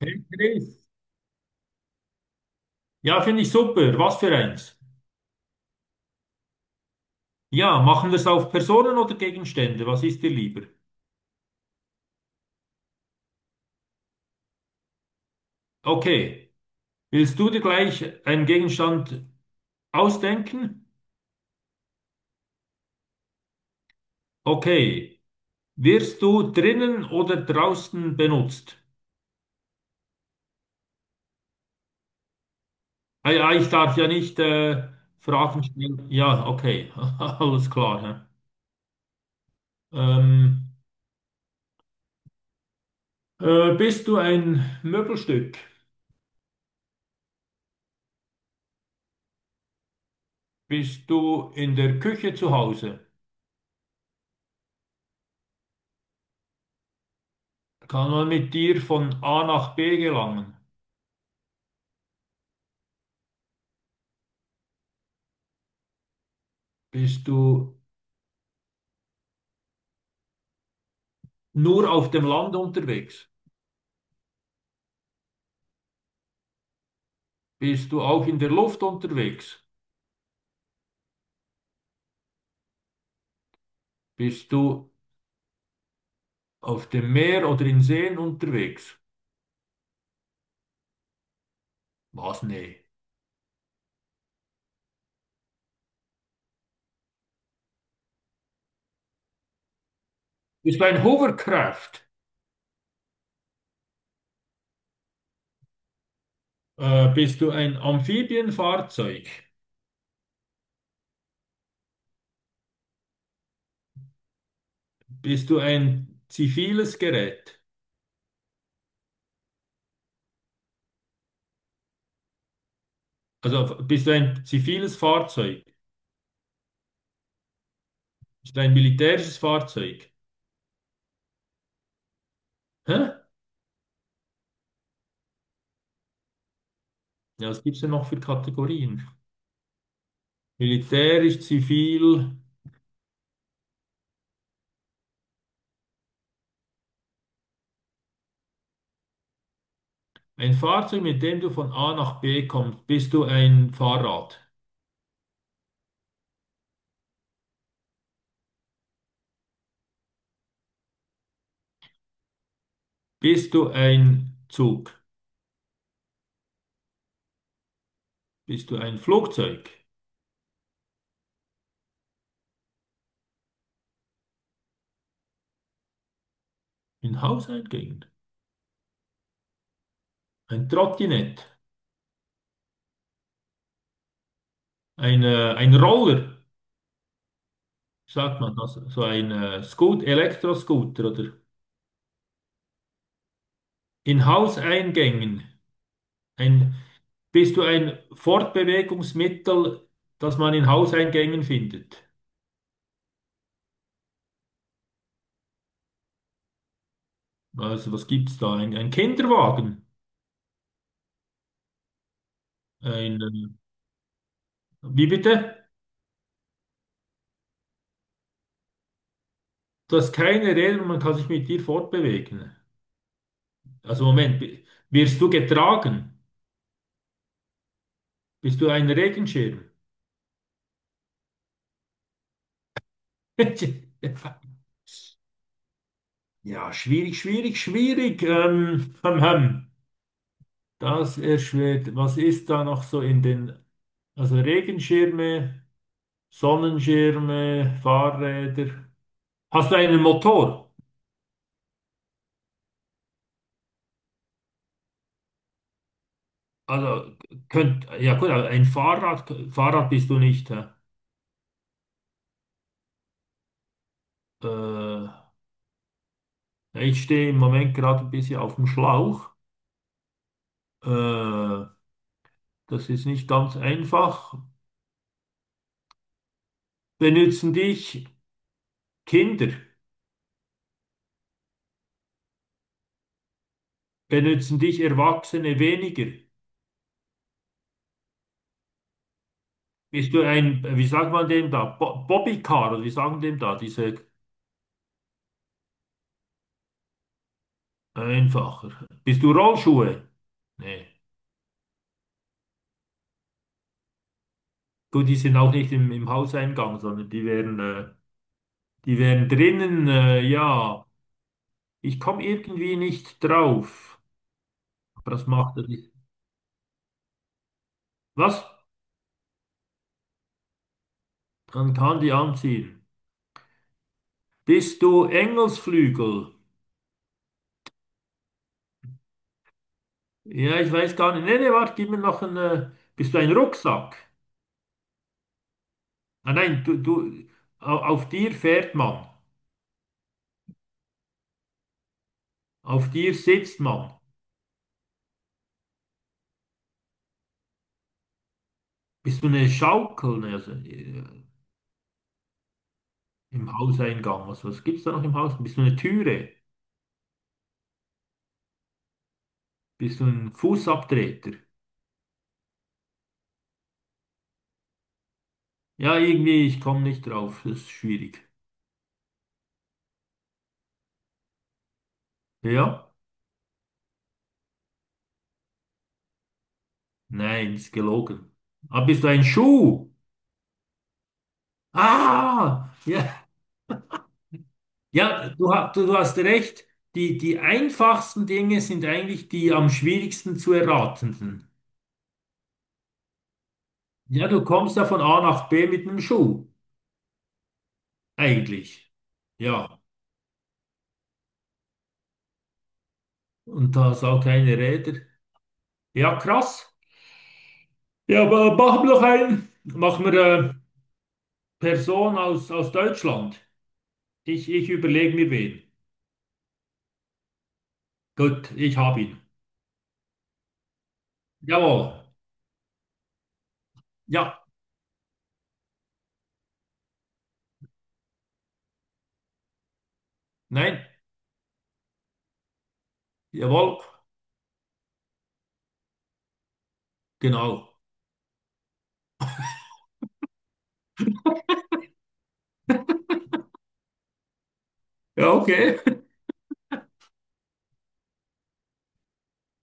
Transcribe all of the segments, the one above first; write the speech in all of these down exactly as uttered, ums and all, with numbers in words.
Hey Chris. Ja, finde ich super. Was für eins? Ja, machen wir es auf Personen oder Gegenstände? Was ist dir lieber? Okay. Willst du dir gleich einen Gegenstand ausdenken? Okay. Wirst du drinnen oder draußen benutzt? Ah, ja, ich darf ja nicht äh, Fragen stellen. Ja, okay. Alles klar. Hä? Ähm, äh, bist du ein Möbelstück? Bist du in der Küche zu Hause? Kann man mit dir von A nach B gelangen? Bist du nur auf dem Land unterwegs? Bist du auch in der Luft unterwegs? Bist du auf dem Meer oder in Seen unterwegs? Was? Nee. Bist du ein Hovercraft? Äh, bist du ein Amphibienfahrzeug? Bist du ein ziviles Gerät? Also f- bist du ein ziviles Fahrzeug? Bist du ein militärisches Fahrzeug? Hä? Ja, was gibt's denn noch für Kategorien? Militärisch, zivil. Ein Fahrzeug, mit dem du von A nach B kommst. Bist du ein Fahrrad? Bist du ein Zug? Bist du ein Flugzeug? Ein Hauseingang? Ein Trottinett? Ein, äh, ein Roller? Sagt man das? So ein äh, Scoot, Elektroscooter oder in Hauseingängen. Ein, bist du ein Fortbewegungsmittel, das man in Hauseingängen findet? Also was gibt's da? Ein, ein Kinderwagen? Ein, äh, wie bitte? Du hast keine Räder und man kann sich mit dir fortbewegen. Also Moment, bi- wirst du getragen? Bist du ein Regenschirm? Ja, schwierig, schwierig, schwierig. Ähm, hm, hm. Das erschwert. Was ist da noch so in den... Also Regenschirme, Sonnenschirme, Fahrräder. Hast du einen Motor? Also könnt, ja gut, aber ein Fahrrad, Fahrrad bist du nicht. Hä? Äh, ja, ich stehe im Moment gerade ein bisschen auf dem Schlauch. Äh, das ist nicht ganz einfach. Benutzen dich Kinder, benutzen dich Erwachsene weniger? Bist du ein, wie sagt man dem da, Bo Bobbycar oder wie sagen dem da, diese einfacher? Bist du Rollschuhe? Nee. Gut, die sind auch nicht im, im Hauseingang, sondern die wären, äh, die wären drinnen, äh, ja. Ich komme irgendwie nicht drauf. Aber das macht er nicht. Was? Dann kann die anziehen. Bist du Engelsflügel? Ja, ich weiß gar nicht. Nee, nee, warte, gib mir noch einen. Äh, bist du ein Rucksack? Ah, nein, du, du, au- auf dir fährt man. Auf dir sitzt man. Bist du eine Schaukel? Nee, also, äh, im Hauseingang. Was, was gibt's da noch im Haus? Bist du eine Türe? Bist du ein Fußabtreter? Ja, irgendwie, ich komme nicht drauf. Das ist schwierig. Ja? Nein, ist gelogen. Ah, bist du ein Schuh? Ah! Ja. Ja, du, ha- du, du hast recht. Die, die einfachsten Dinge sind eigentlich die am schwierigsten zu erratenden. Ja, du kommst ja von A nach B mit einem Schuh, eigentlich. Ja, und da hast auch keine Räder. Ja, krass. Ja, aber machen wir doch einen. Machen wir eine Person aus, aus Deutschland. Ich, ich überlege mir wen. Gut, ich habe ihn. Jawohl. Ja, nein, jawohl, genau. Ja, okay.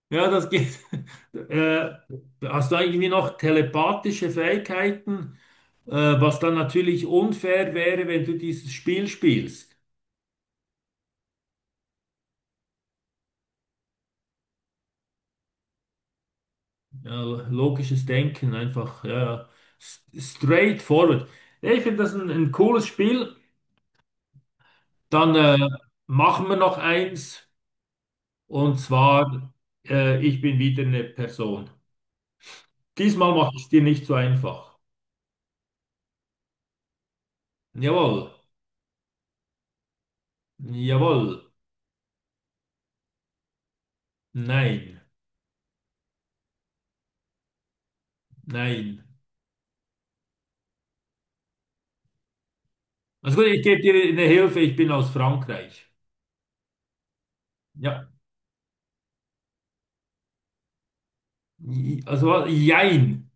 Ja, das geht. Äh, hast du irgendwie noch telepathische Fähigkeiten, äh, was dann natürlich unfair wäre, wenn du dieses Spiel spielst. Ja, logisches Denken, einfach ja, ja. S- straightforward. Ja, ich finde das ein, ein cooles Spiel. Dann äh, machen wir noch eins, und zwar, äh, ich bin wieder eine Person. Diesmal mache ich es dir nicht so einfach. Jawohl, jawohl, nein, nein. Also gut, ich gebe dir eine Hilfe, ich bin aus Frankreich. Ja, also jein.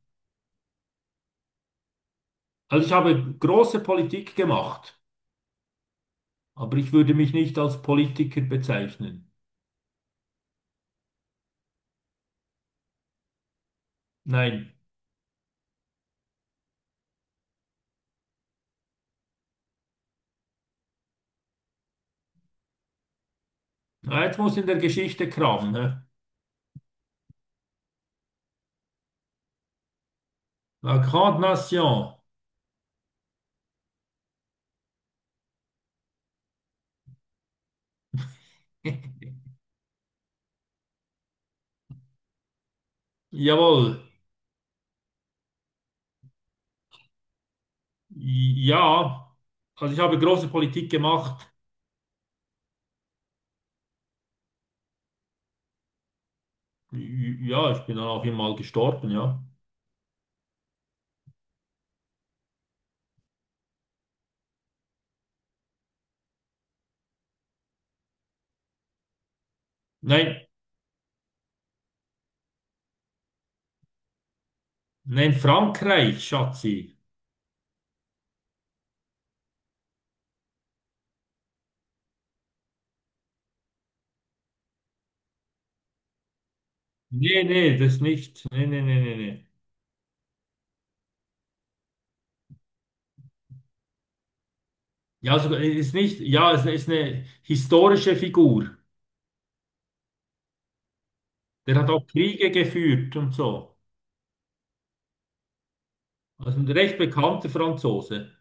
Also ich habe große Politik gemacht, aber ich würde mich nicht als Politiker bezeichnen. Nein. Ah, jetzt muss in der Geschichte kramen. Ne? La Grande Nation. Jawohl. Ja. Also ich habe große Politik gemacht. Ja, ich bin dann auch immer mal gestorben, ja. Nein, nein, Frankreich, Schatzi. Nee, nee, das nicht. Nee, nee, nee, nee, nee. Ja, sogar äh, ist nicht, ja, es ist eine historische Figur. Der hat auch Kriege geführt und so. Also ein recht bekannter Franzose.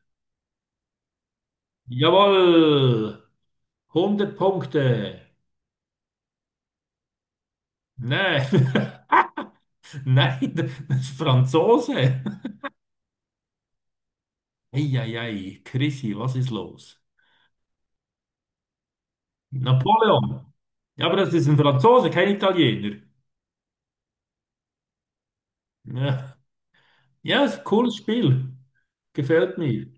Jawohl, hundert Punkte. Nein, nein, das ist Franzose. Eieiei, Chrissy, was ist los? Napoleon. Ja, aber das ist ein Franzose, kein Italiener. Ja, ja, ist ein cooles Spiel. Gefällt mir.